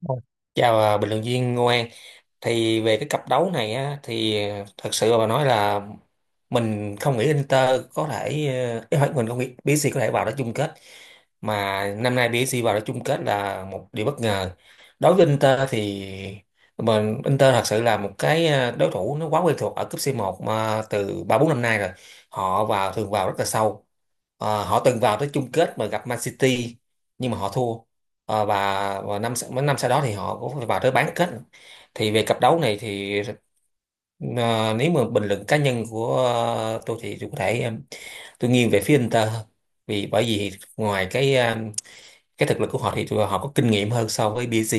Vâng. Chào bình luận viên Ngô An. Thì về cái cặp đấu này á, thì thật sự mà nói là mình không nghĩ Inter có thể, ý hỏi mình không nghĩ PSG có thể vào đó chung kết, mà năm nay PSG vào đó chung kết là một điều bất ngờ. Đối với Inter thì mình Inter thật sự là một cái đối thủ nó quá quen thuộc ở cúp c một mà từ 3 4 năm nay rồi. Họ vào, thường vào rất là sâu. Họ từng vào tới chung kết mà gặp Man City nhưng mà họ thua. Ờ, và và năm, mấy năm sau đó thì họ cũng phải vào tới bán kết. Thì về cặp đấu này thì ờ, nếu mà bình luận cá nhân của tôi thì tôi có thể, em, tôi nghiêng về phía Inter hơn, bởi vì ngoài cái cái thực lực của họ thì tụi họ có kinh nghiệm hơn so với PSG.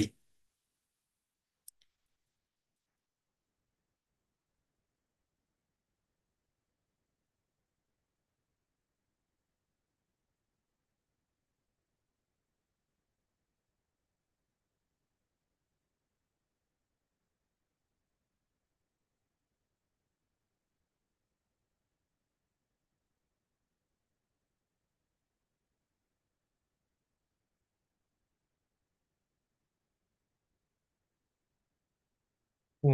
Ừ,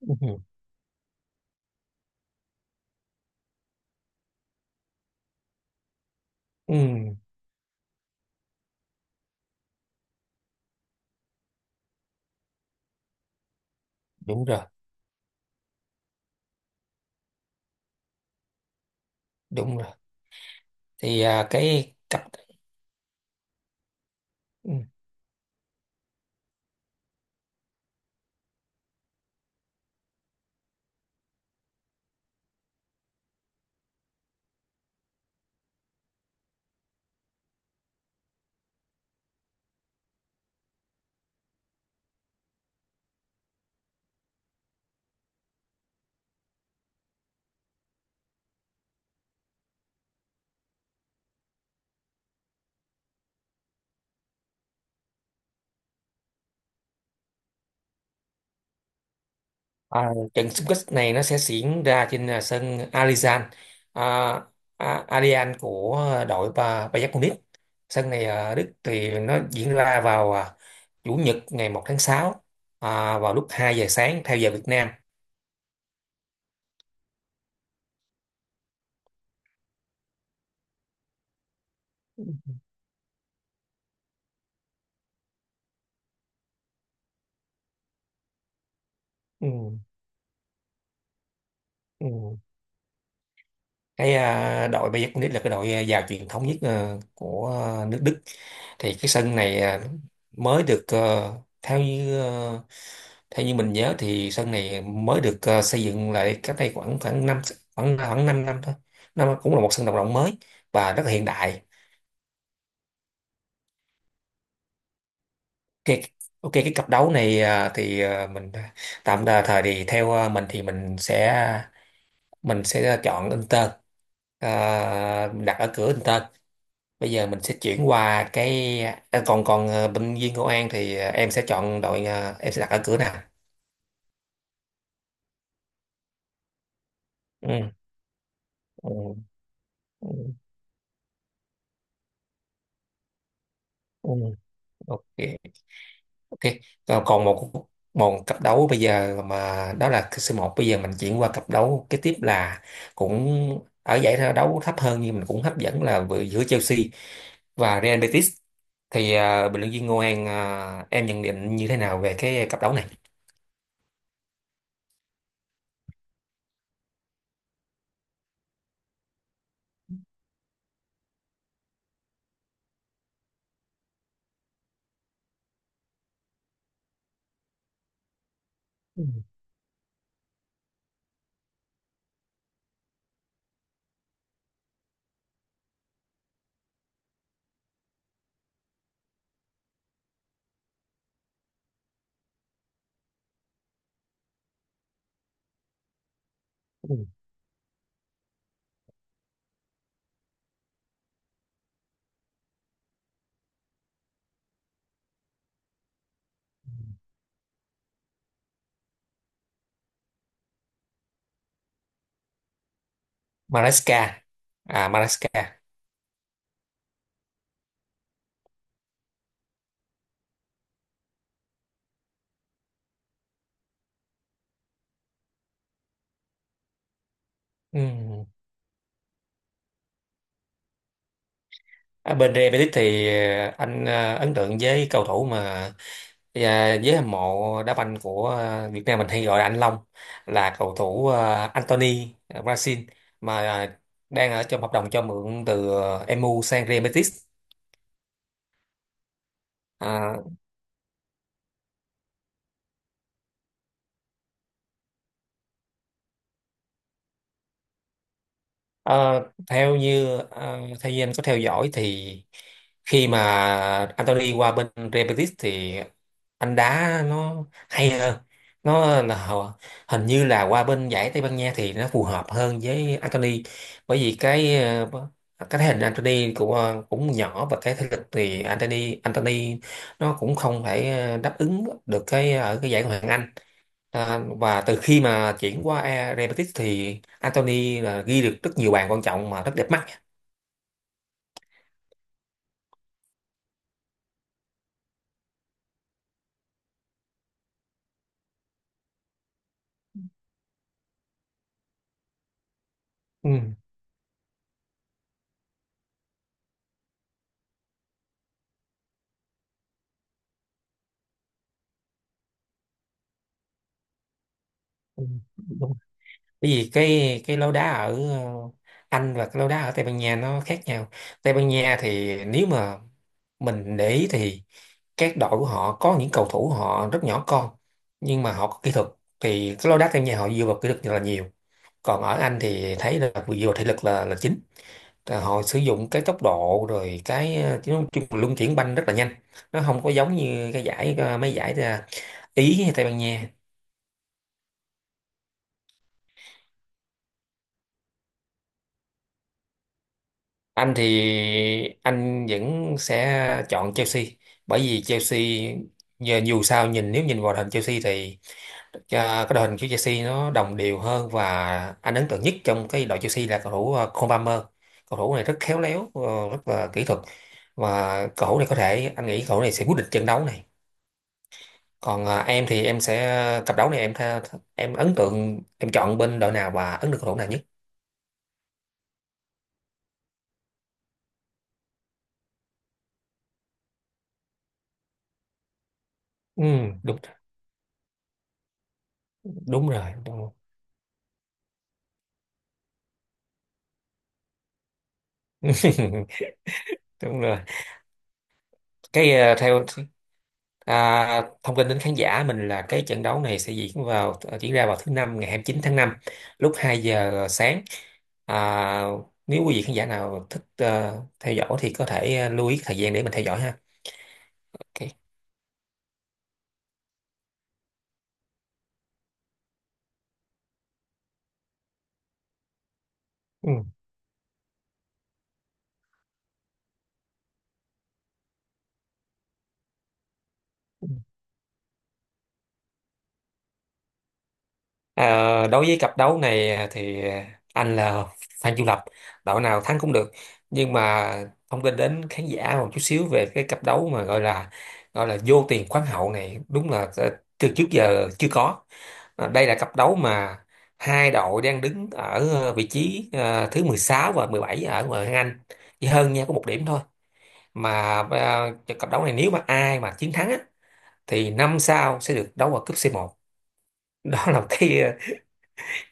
ừ, ừ, đúng rồi, đúng rồi. Thì cái cặp. Ừ. À, trận xung kích này nó sẽ diễn ra trên sân Alizan, à, Allianz của đội Bayern Munich. Sân này ở Đức thì nó diễn ra vào chủ nhật ngày 1 tháng 6, vào lúc 2 giờ sáng theo giờ Việt Nam. Ừ, ừ. Cái đội Bayern Munich là cái đội giàu truyền thống nhất của nước Đức. Thì cái sân này, mới được, theo như, theo như mình nhớ thì sân này mới được xây dựng lại cách đây khoảng khoảng năm, khoảng khoảng 5 năm thôi. Nó cũng là một sân vận động mới và rất là hiện đại. Ok, ok. Cái cặp đấu này, thì mình, tạm đà thời thì theo mình thì mình sẽ chọn Inter. À, đặt ở cửa Inter. Bây giờ mình sẽ chuyển qua cái còn còn bệnh viên công an thì em sẽ chọn đội, em sẽ đặt ở cửa nào. Ừ, ừ, ừ, ừ, ok, ok. Còn còn một một cặp đấu bây giờ mà đó là c một, bây giờ mình chuyển qua cặp đấu kế tiếp là cũng ở giải đấu thấp hơn nhưng mình cũng hấp dẫn, là vừa giữa Chelsea và Real Betis. Thì bình luận viên Ngô An, em nhận định như thế nào về cái cặp đấu này? Ừ. Ừ. Maresca. À, Maresca. Ừ. À, bên Real Betis thì anh ấn tượng với cầu thủ mà với hâm mộ đá banh của Việt Nam mình hay gọi là anh Long, là cầu thủ Anthony Brazil, mà đang ở trong hợp đồng cho mượn từ MU sang Real Betis. À. Ờ, theo như, ờ, theo như anh có theo dõi thì khi mà Anthony qua bên Real Betis thì anh đá nó hay hơn. Nó là hình như là qua bên giải Tây Ban Nha thì nó phù hợp hơn với Anthony, bởi vì cái cái thể hình Anthony cũng, cũng nhỏ, và cái thể lực thì Anthony Anthony nó cũng không thể đáp ứng được cái ở cái giải Ngoại hạng Anh. À, và từ khi mà chuyển qua Real Betis thì Anthony là ghi được rất nhiều bàn quan trọng mà rất đẹp mắt. Ừ. Ừ, đúng. Bởi vì cái lối đá ở Anh và cái lối đá ở Tây Ban Nha nó khác nhau. Tây Ban Nha thì nếu mà mình để ý thì các đội của họ có những cầu thủ họ rất nhỏ con nhưng mà họ có kỹ thuật. Thì cái lối đá Tây Ban Nha họ dựa vào kỹ thuật rất là nhiều. Còn ở Anh thì thấy là dựa vào thể lực là chính. Thì họ sử dụng cái tốc độ rồi cái, chứ nói chung là luân chuyển banh rất là nhanh, nó không có giống như cái giải, mấy giải, Ý hay Tây Ban Nha. Anh thì anh vẫn sẽ chọn Chelsea, bởi vì Chelsea giờ dù sao nếu nhìn vào đội hình Chelsea thì ờ, cái đội hình của Chelsea nó đồng đều hơn, và anh ấn tượng nhất trong cái đội Chelsea là cầu thủ Cole Palmer. Cầu thủ này rất khéo léo, rất là kỹ thuật, và cầu thủ này có thể, anh nghĩ cầu thủ này sẽ quyết định trận đấu này. Còn em thì em sẽ cặp đấu này, em tha, em ấn tượng, em chọn bên đội nào và ấn được cầu thủ nào nhất? Ừ, đúng đúng rồi, đúng rồi, đúng rồi. Cái theo thông tin đến khán giả mình là cái trận đấu này sẽ diễn ra vào thứ năm ngày 29 tháng 5, lúc 2 giờ sáng. à, nếu quý vị khán giả nào thích theo dõi thì có thể lưu ý thời gian để mình theo dõi ha. Ok. Ừ. À, đối với cặp đấu này thì anh là fan trung lập, đội nào thắng cũng được, nhưng mà thông tin đến khán giả một chút xíu về cái cặp đấu mà gọi là vô tiền khoáng hậu này đúng là, từ trước giờ chưa có. À, đây là cặp đấu mà hai đội đang đứng ở vị trí thứ 16 và 17 ở ngoại hạng Anh, chỉ hơn nhau có một điểm thôi, mà cặp đấu này nếu mà ai mà chiến thắng á, thì năm sau sẽ được đấu ở cúp c một. Đó là cái,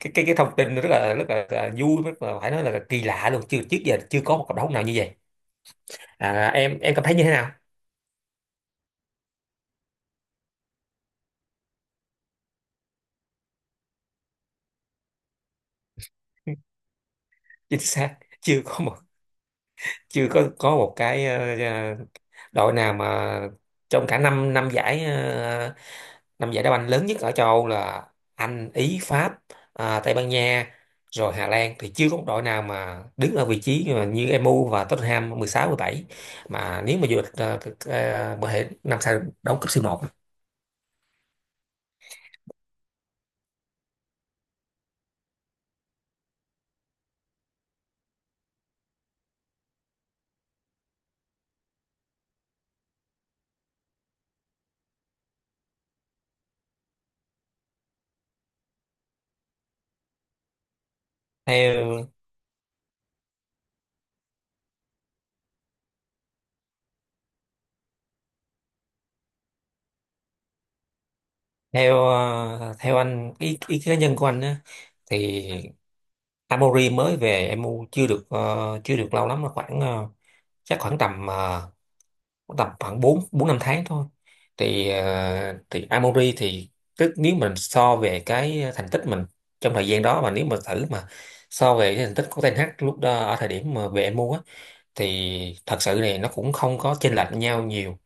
cái thông tin nó rất là, rất là vui, rất là, phải nói là kỳ lạ luôn, chưa, trước giờ chưa có một cộng đồng nào như vậy. Em cảm thấy như thế nào? Chính xác. Chưa có một, chưa có một cái, đội nào mà trong cả năm, năm giải, năm giải đá banh lớn nhất ở châu Âu là Anh, Ý, Pháp, Tây Ban Nha rồi Hà Lan, thì chưa có một đội nào mà đứng ở vị trí mà như MU và Tottenham, 16, 17, mà nếu mà vô địch, có thể năm sau đấu cúp C1. Theo, theo anh, ý, kiến cá nhân của anh á, thì Amori mới về MU chưa được, chưa được lâu lắm, là khoảng, chắc khoảng tầm, khoảng tầm khoảng bốn, bốn năm tháng thôi. Thì thì Amori thì tức nếu mình so về cái thành tích mình trong thời gian đó, mà nếu mà thử mà so về cái thành tích của Ten Hag lúc đó ở thời điểm mà về MU á, thì thật sự này nó cũng không có chênh lệch nhau nhiều.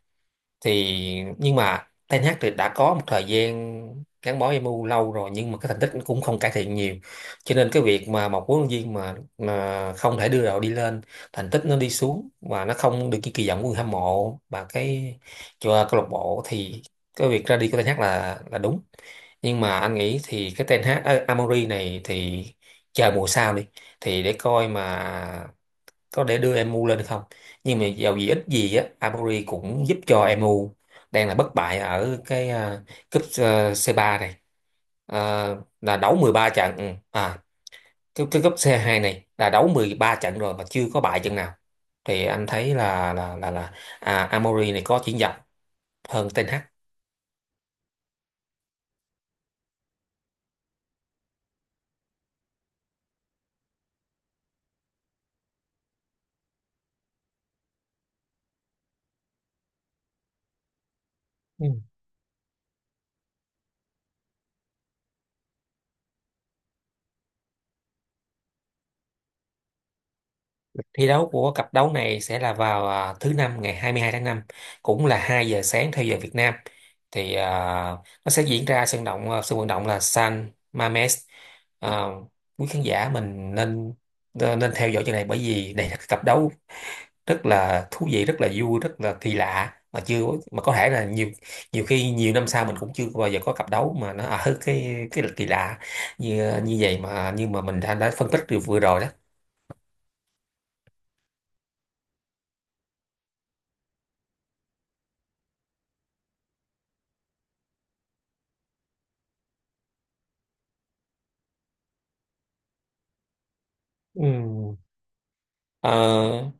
Thì nhưng mà Ten Hag thì đã có một thời gian gắn bó MU lâu rồi nhưng mà cái thành tích cũng không cải thiện nhiều, cho nên cái việc mà một huấn luyện viên mà không thể đưa đội đi lên, thành tích nó đi xuống và nó không được như kỳ vọng của người hâm mộ và cái cho câu lạc bộ, thì cái việc ra đi của Ten Hag là đúng. Nhưng mà anh nghĩ thì cái Ten Hag, Amory này thì, chờ mùa sau đi, thì để coi mà có để đưa MU lên không. Nhưng mà dầu gì ít gì á, Aburi cũng giúp cho MU đang là bất bại ở cái, cúp C3 này. À, là đấu 13 trận. Ừ. À, cái cúp C2 này là đấu 13 trận rồi mà chưa có bại trận nào, thì anh thấy là, là Amori này có triển vọng hơn Ten Hag. Thi đấu của cặp đấu này sẽ là vào, thứ năm ngày 22 tháng năm, cũng là 2 giờ sáng theo giờ Việt Nam. Thì nó sẽ diễn ra sân vận động là San Mamés. À, quý khán giả mình nên, nên theo dõi chuyện này bởi vì đây là cái cặp đấu rất là thú vị, rất là vui, rất là kỳ lạ, mà chưa, mà có thể là nhiều nhiều khi nhiều năm sau mình cũng chưa bao giờ có cặp đấu mà nó ở cái kỳ lạ như như vậy mà, nhưng mà mình đã phân tích được vừa rồi đó. Ừ.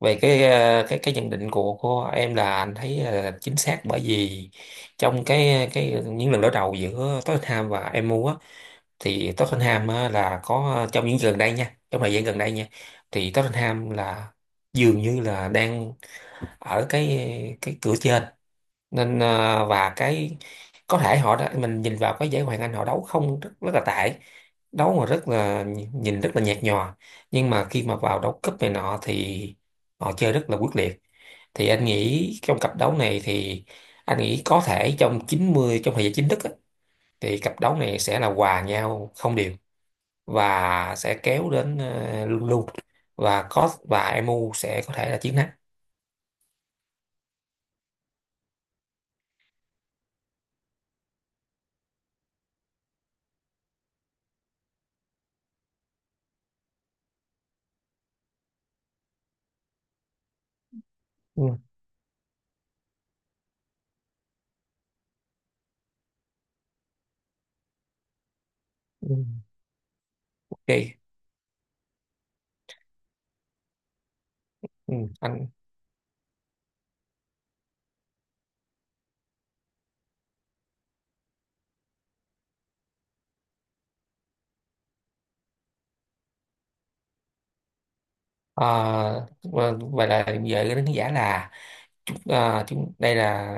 Về cái, cái nhận định của em là anh thấy là chính xác, bởi vì trong cái những lần đối đầu giữa Tottenham và MU á, thì Tottenham á, là có trong những gần đây nha, trong thời gian gần đây nha, thì Tottenham là dường như là đang ở cái cửa trên, nên và cái có thể họ đã mình nhìn vào cái giải Hoàng Anh họ đấu không, rất là tệ, đấu mà rất là, nhìn rất là nhạt nhòa, nhưng mà khi mà vào đấu cúp này nọ thì họ chơi rất là quyết liệt. Thì anh nghĩ trong cặp đấu này thì anh nghĩ có thể trong 90, trong thời gian chính thức á, thì cặp đấu này sẽ là hòa nhau không đều và sẽ kéo đến, luôn luôn, và MU sẽ có thể là chiến thắng. Ừ. Ừ. Ok, ừ. Anh. À, vậy là về cái đánh giá là, chúng đây là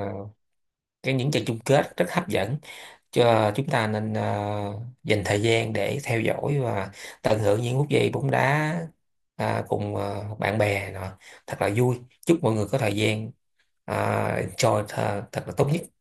cái những trận chung kết rất hấp dẫn cho chúng ta, nên dành thời gian để theo dõi và tận hưởng những phút giây bóng đá, cùng bạn bè nọ, thật là vui, chúc mọi người có thời gian, à, enjoy thật là tốt nhất